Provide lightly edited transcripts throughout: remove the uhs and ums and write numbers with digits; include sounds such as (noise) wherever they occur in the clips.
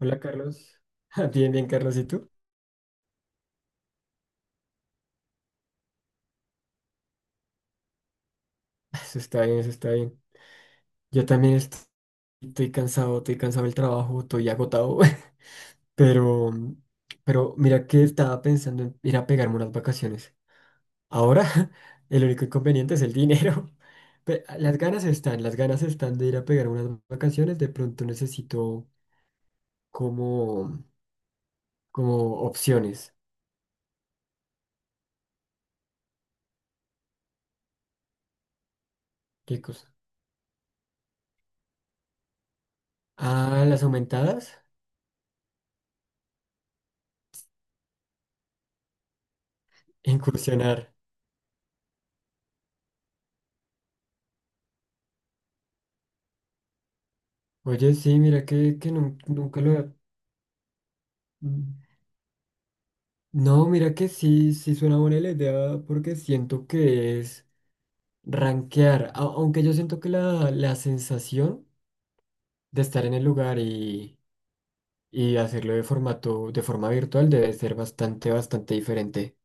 Hola Carlos. (laughs) Bien, bien Carlos, ¿y tú? Eso está bien, eso está bien. Yo también estoy cansado del trabajo, estoy agotado. (laughs) pero, pero mira que estaba pensando en ir a pegarme unas vacaciones. Ahora, (laughs) el único inconveniente es el dinero. (laughs) Las ganas están de ir a pegar unas vacaciones, de pronto necesito como, como opciones. ¿Qué cosa? Ah, las aumentadas, incursionar. Oye, sí, mira que nunca lo he... No, mira que sí, sí suena buena la idea porque siento que es rankear, aunque yo siento que la sensación de estar en el lugar y hacerlo de formato, de forma virtual debe ser bastante, bastante diferente.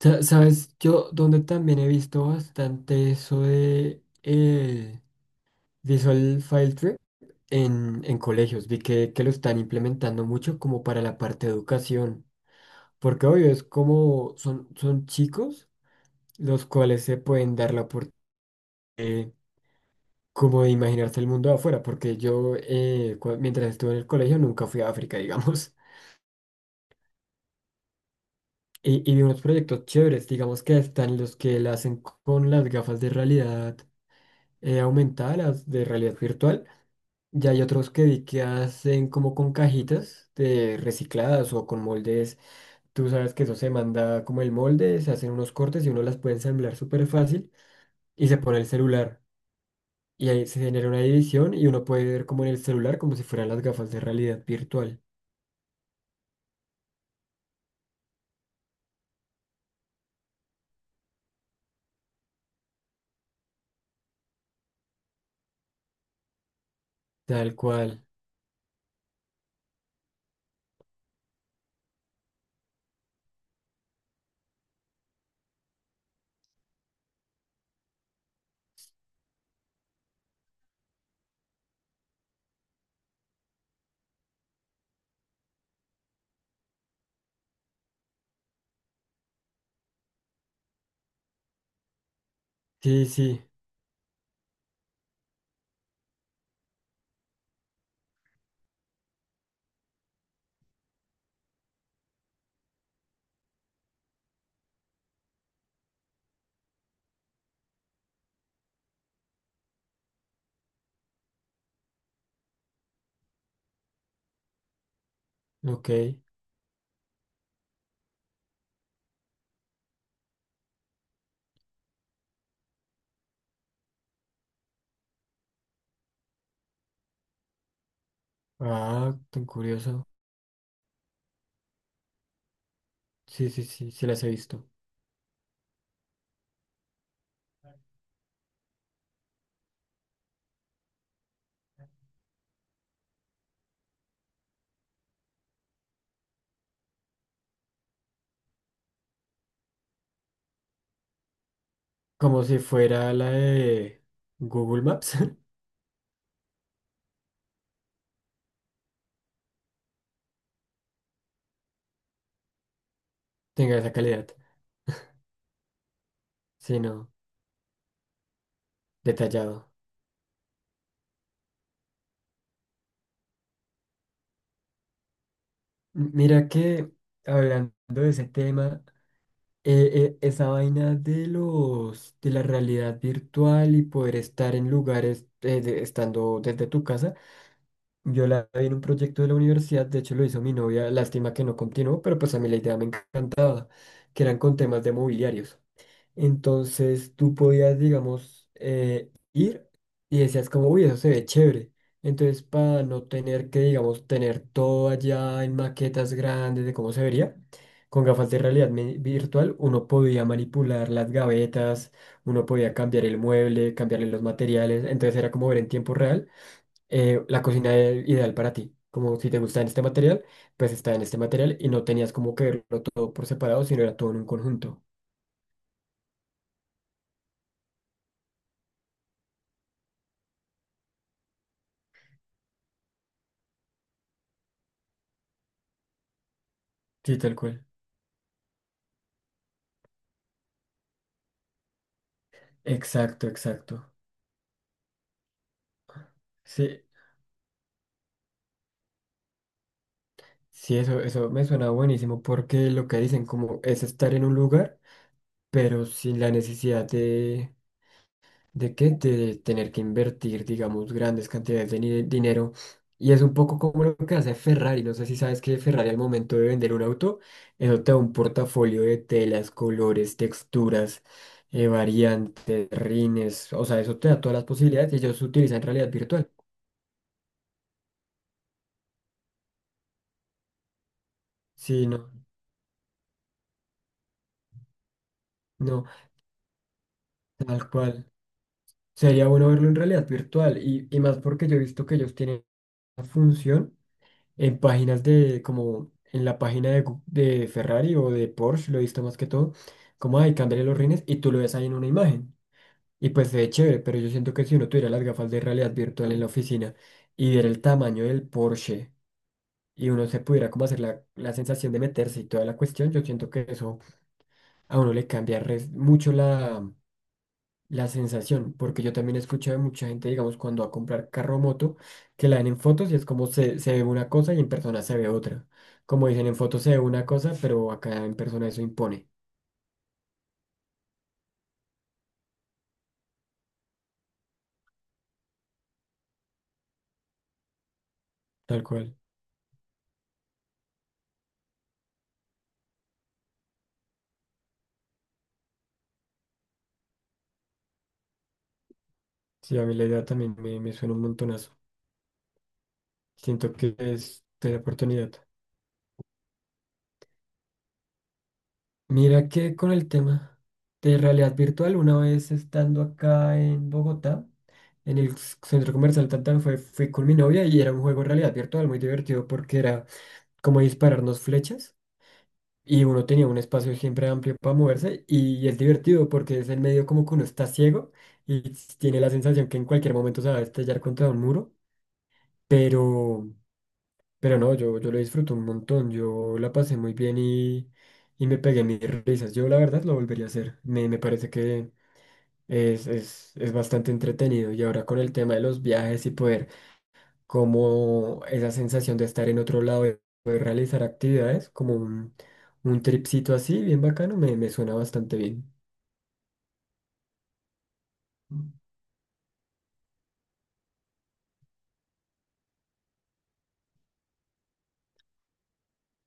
Sabes, yo donde también he visto bastante eso de el Visual File Tree en colegios, vi que lo están implementando mucho como para la parte de educación, porque obvio es como son chicos los cuales se pueden dar la oportunidad como de imaginarse el mundo de afuera, porque yo mientras estuve en el colegio nunca fui a África, digamos. (laughs) Y, y vi unos proyectos chéveres, digamos que están los que la hacen con las gafas de realidad aumentada, las de realidad virtual, y hay otros que vi que hacen como con cajitas de recicladas o con moldes. Tú sabes que eso se manda como el molde, se hacen unos cortes y uno las puede ensamblar súper fácil y se pone el celular. Y ahí se genera una división y uno puede ver como en el celular, como si fueran las gafas de realidad virtual. Tal cual. Sí, sí, ok. Ah, tan curioso. Sí, sí, sí, sí las he visto. Como si fuera la de Google Maps, (laughs) tenga esa calidad, sí no detallado. Mira que hablando de ese tema, esa vaina de los de la realidad virtual y poder estar en lugares estando desde tu casa. Yo la vi en un proyecto de la universidad, de hecho lo hizo mi novia, lástima que no continuó, pero pues a mí la idea me encanta, que eran con temas de mobiliarios. Entonces tú podías, digamos, ir y decías como, uy, eso se ve chévere. Entonces para no tener que, digamos, tener todo allá en maquetas grandes de cómo se vería, con gafas de realidad virtual uno podía manipular las gavetas, uno podía cambiar el mueble, cambiarle los materiales, entonces era como ver en tiempo real la cocina ideal para ti. Como si te gusta en este material, pues está en este material y no tenías como que verlo todo por separado, sino era todo en un conjunto. Sí, tal cual. Exacto, exacto. Sí, sí, eso me suena buenísimo porque lo que dicen como es estar en un lugar, pero sin la necesidad de qué, de tener que invertir, digamos, grandes cantidades de dinero. Y es un poco como lo que hace Ferrari. No sé si sabes que Ferrari al momento de vender un auto, eso te da un portafolio de telas, colores, texturas, variantes, rines. O sea, eso te da todas las posibilidades y ellos utilizan realidad virtual. Sí, no, no, tal cual. Sería bueno verlo en realidad virtual y más porque yo he visto que ellos tienen una función en páginas de, como en la página de, de Ferrari o de Porsche, lo he visto más que todo, como, ay, cámbiale los rines y tú lo ves ahí en una imagen. Y pues se ve chévere, pero yo siento que si uno tuviera las gafas de realidad virtual en la oficina y viera el tamaño del Porsche y uno se pudiera como hacer la sensación de meterse y toda la cuestión, yo siento que eso a uno le cambia mucho la sensación, porque yo también he escuchado de mucha gente, digamos, cuando va a comprar carro o moto, que la ven en fotos y es como se ve una cosa y en persona se ve otra. Como dicen, en fotos se ve una cosa, pero acá en persona eso impone, tal cual. Sí, a mí la idea también me suena un montonazo. Siento que es de la oportunidad. Mira que con el tema de realidad virtual, una vez estando acá en Bogotá, en el centro comercial Tantán, fui con mi novia y era un juego de realidad virtual muy divertido porque era como dispararnos flechas y uno tenía un espacio siempre amplio para moverse y es divertido porque es el medio como que uno está ciego y tiene la sensación que en cualquier momento se va a estrellar contra un muro, pero, pero no, yo lo disfruto un montón, yo la pasé muy bien y me pegué mis risas, yo la verdad lo volvería a hacer, me parece que es bastante entretenido y ahora con el tema de los viajes y poder como esa sensación de estar en otro lado y poder realizar actividades, un tripcito así, bien bacano, me suena bastante bien.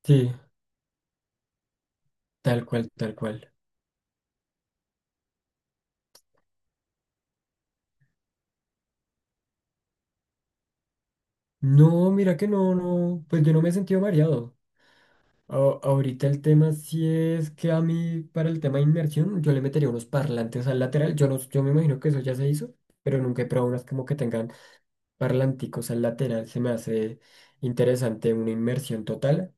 Sí, tal cual, tal cual. No, mira que no, no, pues yo no me he sentido mareado. Ahorita el tema sí es que a mí, para el tema de inmersión, yo le metería unos parlantes al lateral. Yo no, yo me imagino que eso ya se hizo, pero nunca he probado unas como que tengan parlanticos al lateral. Se me hace interesante una inmersión total.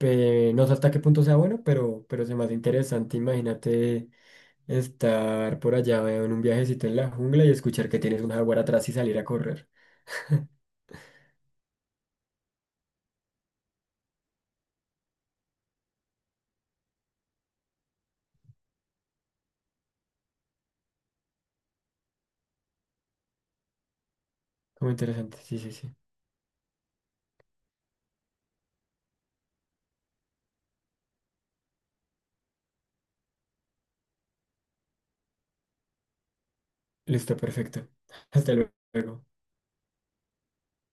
No sé hasta qué punto sea bueno, pero se me hace interesante. Imagínate estar por allá en un viajecito en la jungla y escuchar que tienes un jaguar atrás y salir a correr. (laughs) Como interesante. Sí, sí, sí. Listo, perfecto. (laughs) Hasta luego.